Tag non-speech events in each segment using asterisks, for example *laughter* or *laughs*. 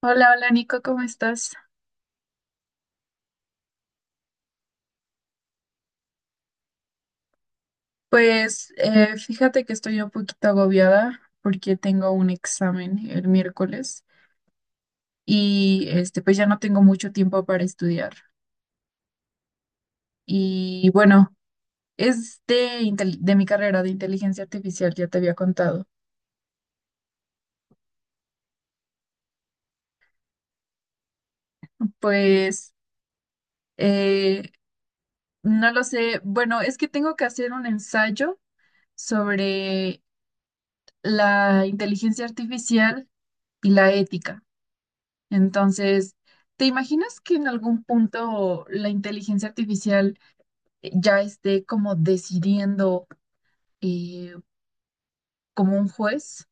Hola, hola Nico, ¿cómo estás? Fíjate que estoy un poquito agobiada porque tengo un examen el miércoles y pues ya no tengo mucho tiempo para estudiar. Y bueno, es de, de mi carrera de inteligencia artificial, ya te había contado. Pues eh, no lo sé, bueno, es que tengo que hacer un ensayo sobre la inteligencia artificial y la ética. Entonces, ¿te imaginas que en algún punto la inteligencia artificial ya esté como decidiendo, eh, como un juez?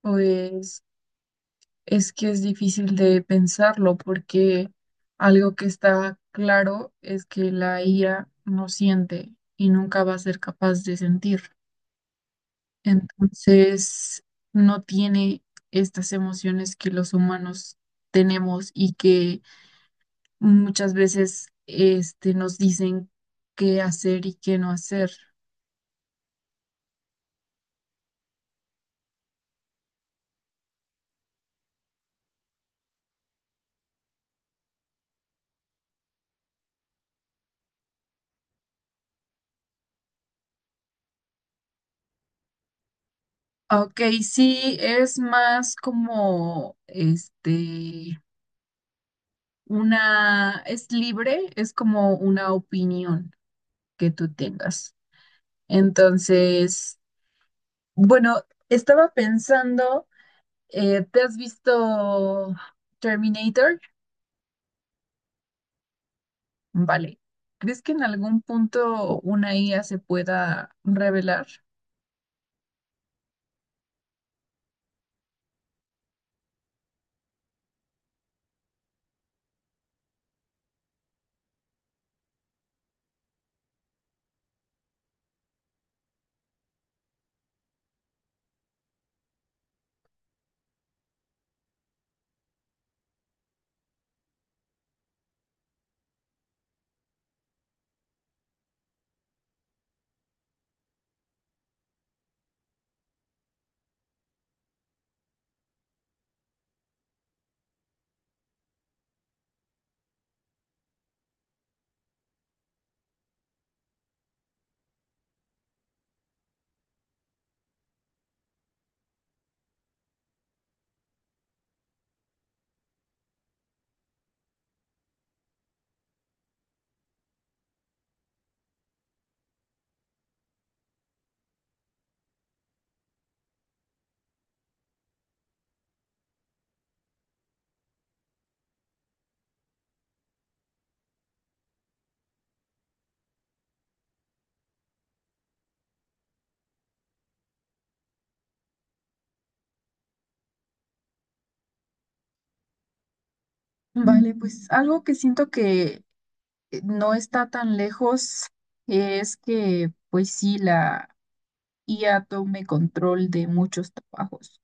Pues es que es difícil de pensarlo porque algo que está claro es que la IA no siente y nunca va a ser capaz de sentir. Entonces, no tiene estas emociones que los humanos tenemos y que muchas veces nos dicen qué hacer y qué no hacer. Ok, sí, es más como una, es libre, es como una opinión que tú tengas. Entonces, bueno, estaba pensando, ¿te has visto Terminator? Vale. ¿Crees que en algún punto una IA se pueda revelar? Vale, pues algo que siento que, no está tan lejos, es que pues sí, la IA tome control de muchos trabajos.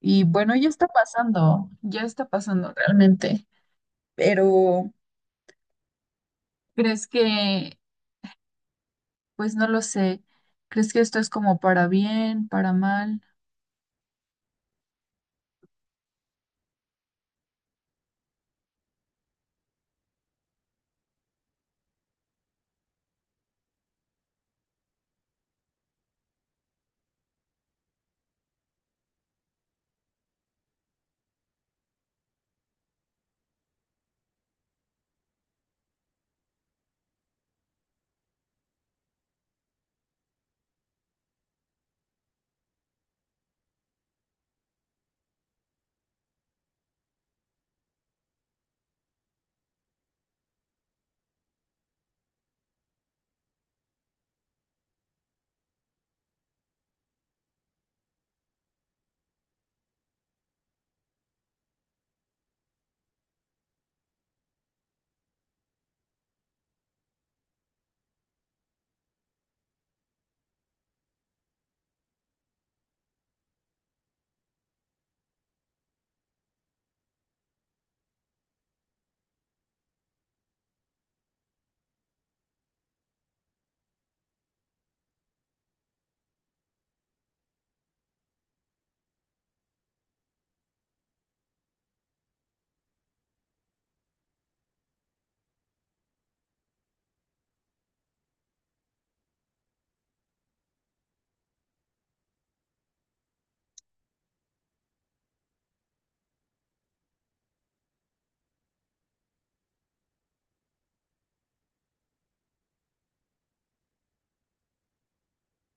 Y bueno, ya está pasando realmente, pero ¿crees que, pues no lo sé, ¿crees que esto es como para bien, para mal?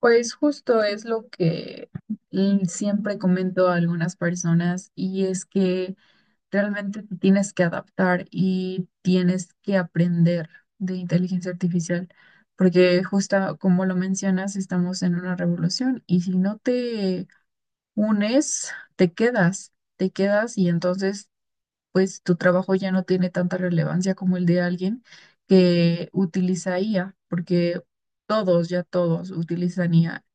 Pues justo es lo que, siempre comento a algunas personas, y es que realmente te tienes que adaptar y tienes que aprender de inteligencia artificial, porque justo como lo mencionas, estamos en una revolución y si no te unes, te quedas y entonces pues tu trabajo ya no tiene tanta relevancia como el de alguien que utiliza IA, porque todos, ya todos utilizan IA.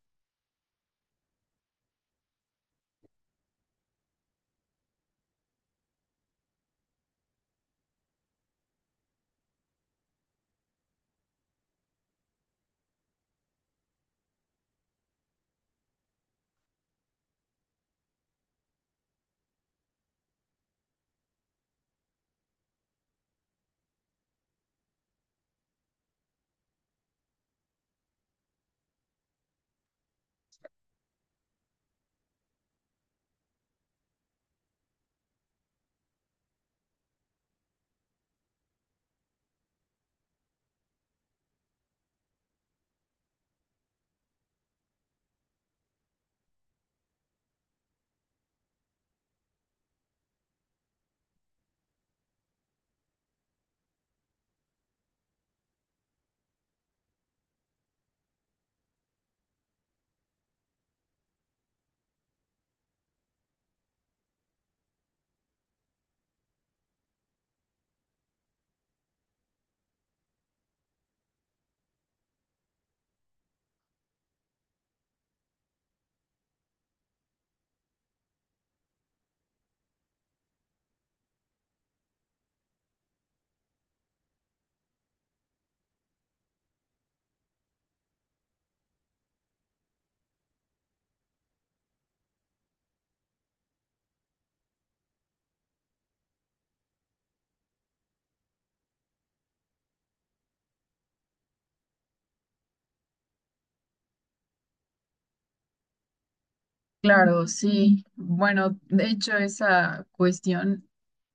Claro, sí. Bueno, de hecho esa cuestión,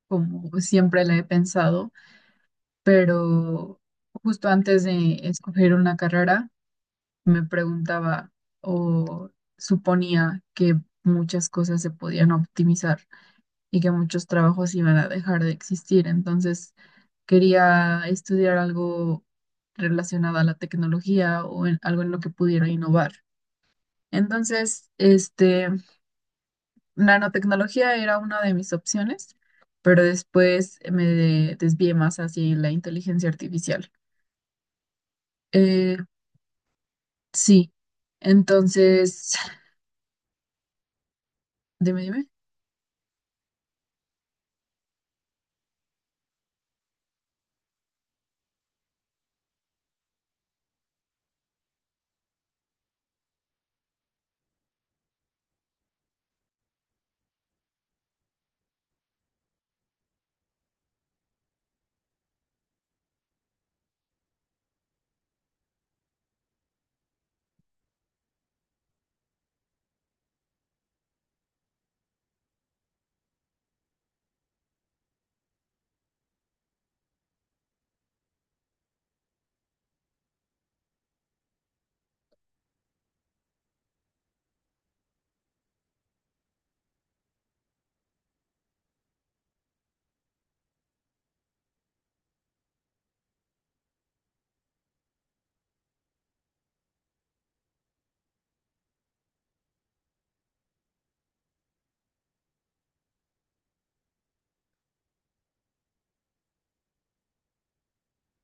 como siempre la he pensado, pero justo antes de escoger una carrera me preguntaba o suponía que muchas cosas se podían optimizar y que muchos trabajos iban a dejar de existir. Entonces quería estudiar algo relacionado a la tecnología o algo en lo que pudiera innovar. Entonces, nanotecnología era una de mis opciones, pero después me desvié más hacia la inteligencia artificial. Eh, Sí, entonces, *laughs* *sighs* dime, dime.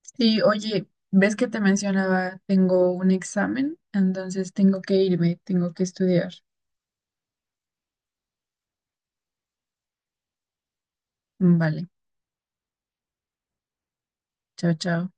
Sí, oye, ves que te mencionaba, tengo un examen, entonces tengo que irme, tengo que estudiar. Vale, chao, chao.